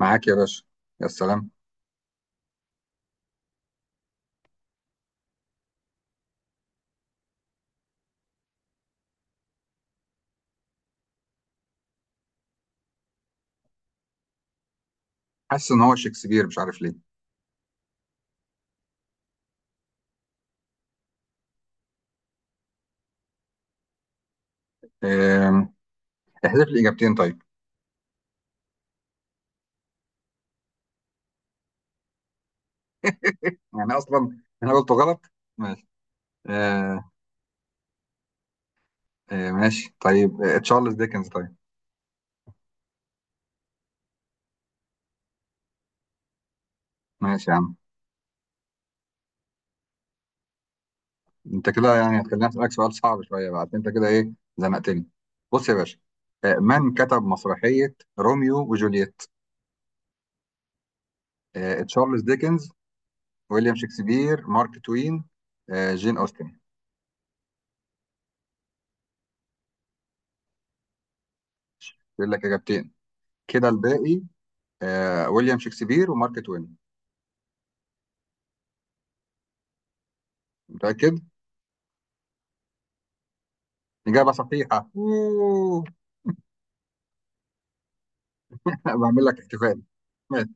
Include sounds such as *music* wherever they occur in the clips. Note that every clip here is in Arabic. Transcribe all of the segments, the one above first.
معاك يا باشا. يا سلام. حاسس ان هو شكسبير، مش عارف ليه. آم، احذف لي اجابتين طيب. يعني اصلا انا قلت غلط. ماشي. آه. ماشي طيب، تشارلز ديكنز طيب. ماشي يا عم. انت كده يعني هتخليني اسالك سؤال صعب شويه بقى، عشان انت كده ايه، زنقتني. بص يا باشا، من كتب مسرحيه روميو وجولييت؟ تشارلز ديكنز، ويليام شكسبير، مارك توين، جين اوستن. يقول لك اجابتين كده الباقي. ويليام شكسبير ومارك توين. متاكد. إجابة صحيحة. أوه. *laughs* بعمل لك احتفال. ماشي.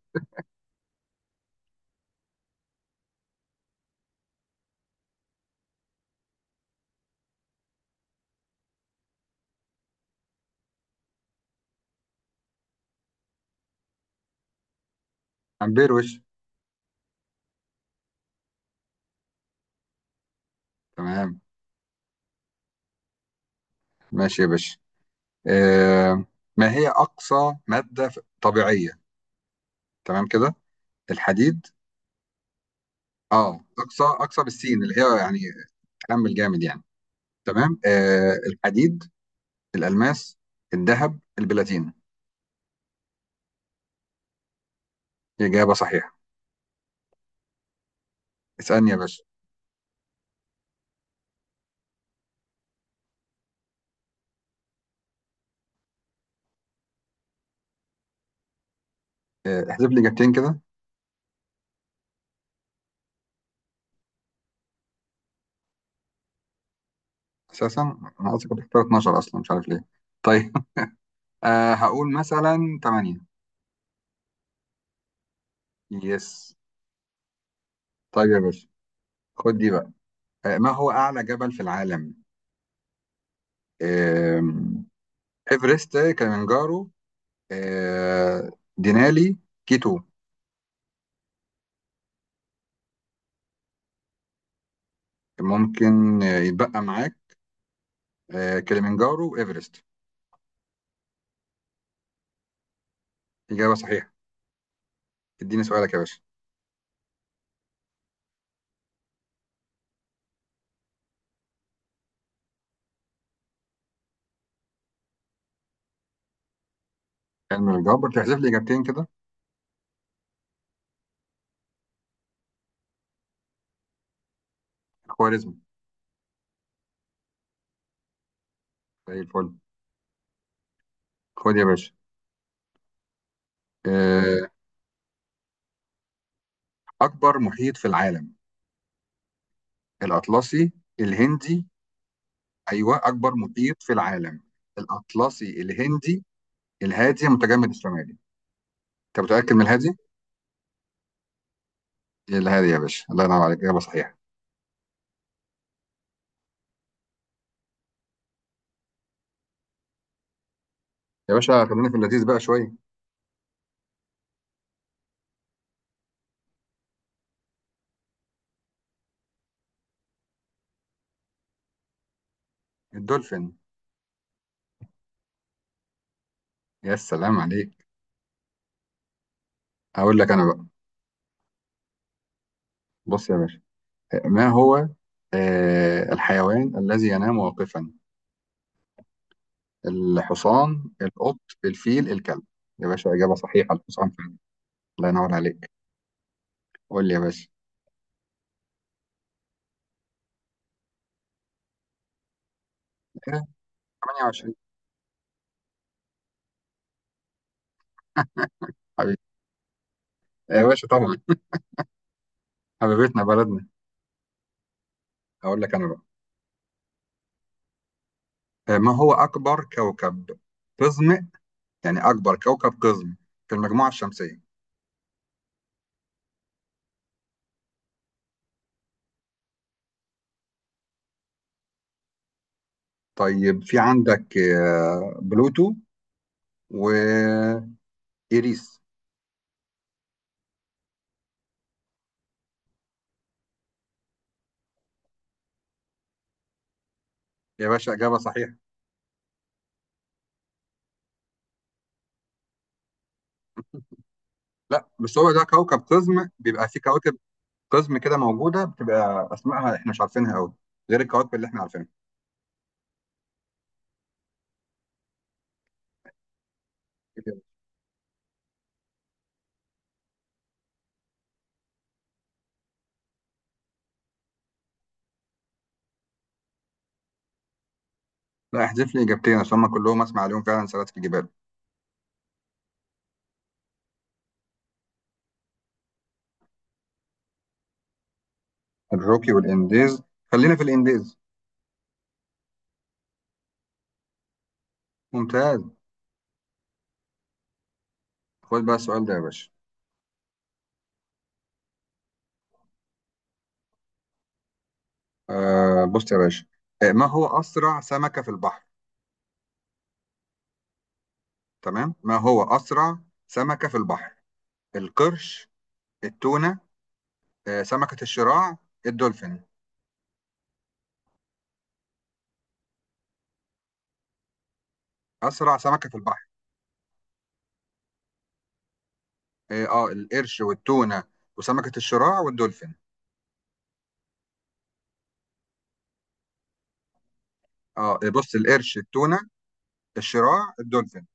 أمبير وش. تمام. ماشي يا باشا. آه. ما هي أقصى مادة طبيعية، تمام كده؟ الحديد. اه، أقصى أقصى بالسين، اللي هي يعني تحمل جامد يعني. تمام. آه. الحديد، الألماس، الذهب، البلاتين. إجابة صحيحة. اسألني يا باشا. آه. احذف لي إجابتين كده. أساسا أنا أصلا كنت اختار 12، أصلا مش عارف ليه. طيب. *laughs* آه. هقول مثلا 8. يس. طيب يا باشا، خد دي بقى. ما هو أعلى جبل في العالم؟ آم، إيفرست، كليمنجارو، آه، دينالي، كيتو. ممكن يتبقى معاك كليمنجارو وإيفرست. إجابة صحيحة. اديني سؤالك يا باشا. علم الجبر، تحذف لي إجابتين كده. الخوارزمي. زي الفل. خد يا باشا، آه، أكبر محيط في العالم؟ الأطلسي، الهندي. أيوه، أكبر محيط في العالم، الأطلسي، الهندي، الهادي، المتجمد الشمالي. أنت متأكد من الهادي؟ ايه الهادي يا باشا، الله ينور عليك، اجابه صحيحه. يا باشا خلينا في اللذيذ بقى شويه. الدولفين. يا سلام عليك. هقول لك انا بقى، بص يا باشا. ما هو الحيوان الذي ينام واقفا؟ الحصان، القط، الفيل، الكلب. يا باشا اجابه صحيحه، الحصان فعلا. الله ينور عليك. قول لي يا باشا. آه، 28. حبيبي. يا باشا طبعا، حبيبتنا بلدنا. هقول لك انا بقى، ما هو اكبر كوكب قزم؟ يعني اكبر كوكب قزم في المجموعه الشمسيه. طيب في عندك بلوتو وإيريس. يا باشا إجابة صحيحة. لا بس هو ده كوكب قزم، بيبقى فيه كواكب قزم كده موجودة، بتبقى أسمائها إحنا مش عارفينها أوي، غير الكواكب اللي إحنا عارفينها. لا، احذف لي إجابتين عشان هما كلهم أسمع عليهم فعلا سنة في الجبال. الروكي والإنديز. خلينا في الإنديز. ممتاز. خد بقى السؤال ده يا باشا. بص يا باشا، ما هو أسرع سمكة في البحر؟ تمام. ما هو أسرع سمكة في البحر؟ القرش، التونة، سمكة الشراع، الدولفين. أسرع سمكة في البحر. القرش والتونة وسمكة الشراع والدولفين. بص، القرش، التونة، الشراع، الدولفين.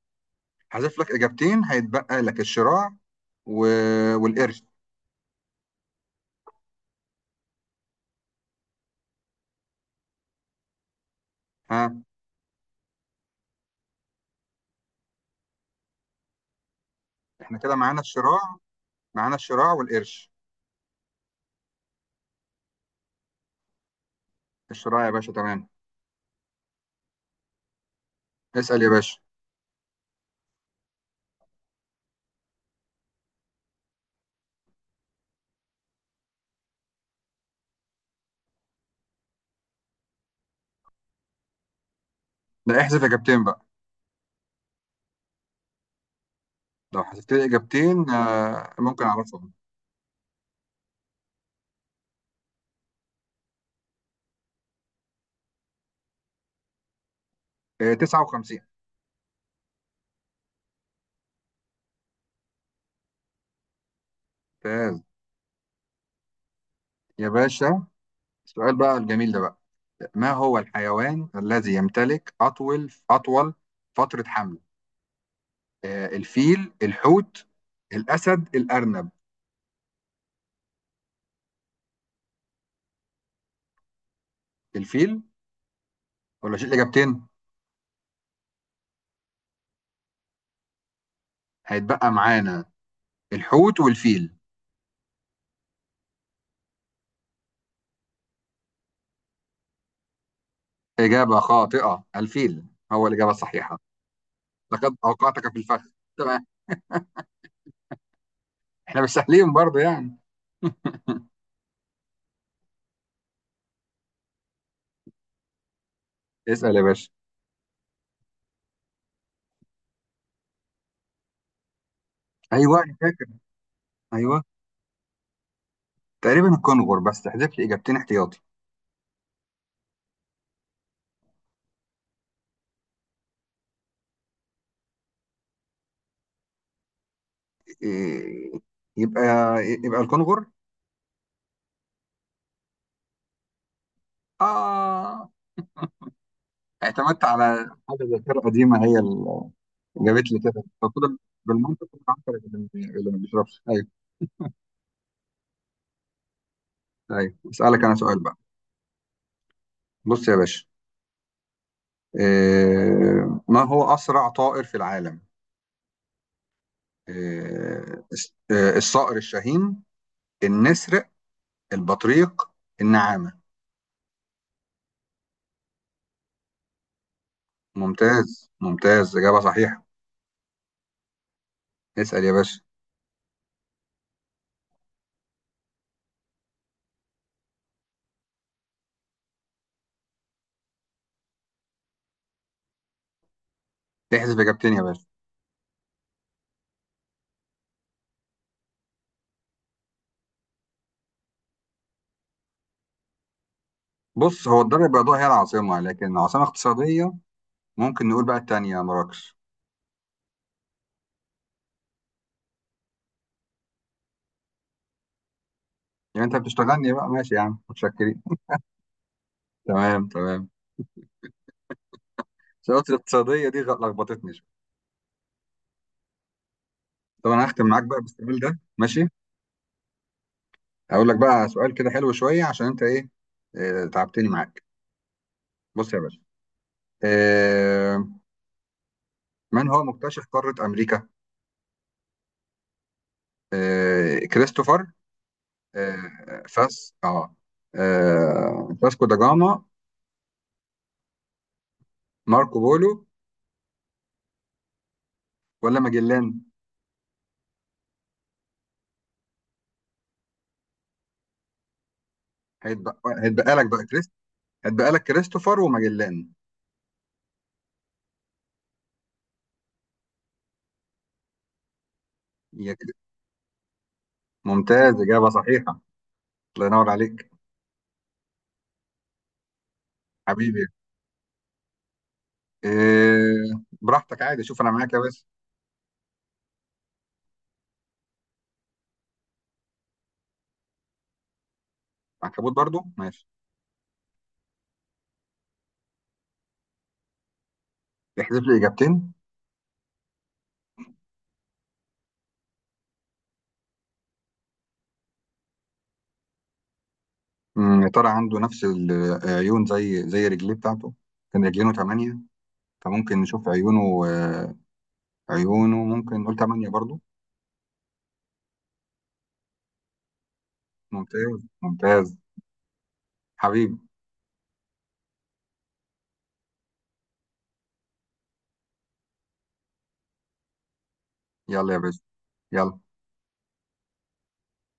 هحذف لك إجابتين، هيتبقى لك الشراع و... والقرش. ها. احنا كده معانا الشراع. معانا الشراع والقرش. الشراع يا باشا، تمام. اسأل يا باشا. لا، احذف إجابتين بقى. لو حذفت لي إجابتين ممكن أعرفهم. 59. ممتاز. يا باشا السؤال بقى الجميل ده بقى. ما هو الحيوان الذي يمتلك أطول فترة حمل؟ الفيل، الحوت، الأسد، الأرنب، الفيل. ولا شيل إجابتين؟ هيتبقى معانا الحوت والفيل. إجابة خاطئة، الفيل هو الإجابة الصحيحة. لقد أوقعتك في الفخ. تمام، إحنا مش سهلين برضه يعني. اسأل يا باشا. أيوه أنا فاكر. أيوه، تقريبا الكونغر، بس تحذف لي إجابتين احتياطي. إيه، يبقى يبقى الكونغر؟ آه، اعتمدت على حاجه ذاكره قديمه هي اللي جابت لي كده فكده. بالمنطق كنت هختار اللي ما بيشربش، ايوه. ايوه، اسالك انا سؤال بقى. بص يا باشا، ما هو اسرع طائر في العالم؟ الصقر الشاهين، النسر، البطريق، النعامه. ممتاز ممتاز، اجابه صحيحه. اسال يا باشا. تحذف اجابتين يا باشا. بص، هو الدار البيضاء هي العاصمه، لكن عاصمه اقتصاديه، ممكن نقول بقى التانيه مراكش. يعني انت بتشتغلني بقى، ماشي يا عم، متشكرين. تمام تمام. الشروط الاقتصادية دي لخبطتني شوية. طب انا هختم معاك بقى بالسؤال ده، ماشي. اقول لك بقى سؤال كده حلو شوية، عشان انت ايه، تعبتني معاك. بص يا باشا، آه، من هو مكتشف قارة امريكا؟ كريستوفر، آه، فاس اه فاسكو دا جاما، ماركو بولو، ولا ماجلان؟ هيتبقى هيتبقى لك بقى كريست هيتبقى لك كريستوفر وماجلان. يا كري- ممتاز، إجابة صحيحة. الله ينور عليك. حبيبي. إيه، براحتك عادي، شوف انا معاك يا باسم. عنكبوت برضو، ماشي. احذف لي اجابتين. يا ترى عنده نفس العيون زي رجليه بتاعته؟ كان رجلينه ثمانية، فممكن نشوف عيونه، عيونه ممكن نقول ثمانية برضو. ممتاز ممتاز. حبيبي. يلا يا باسم، يلا.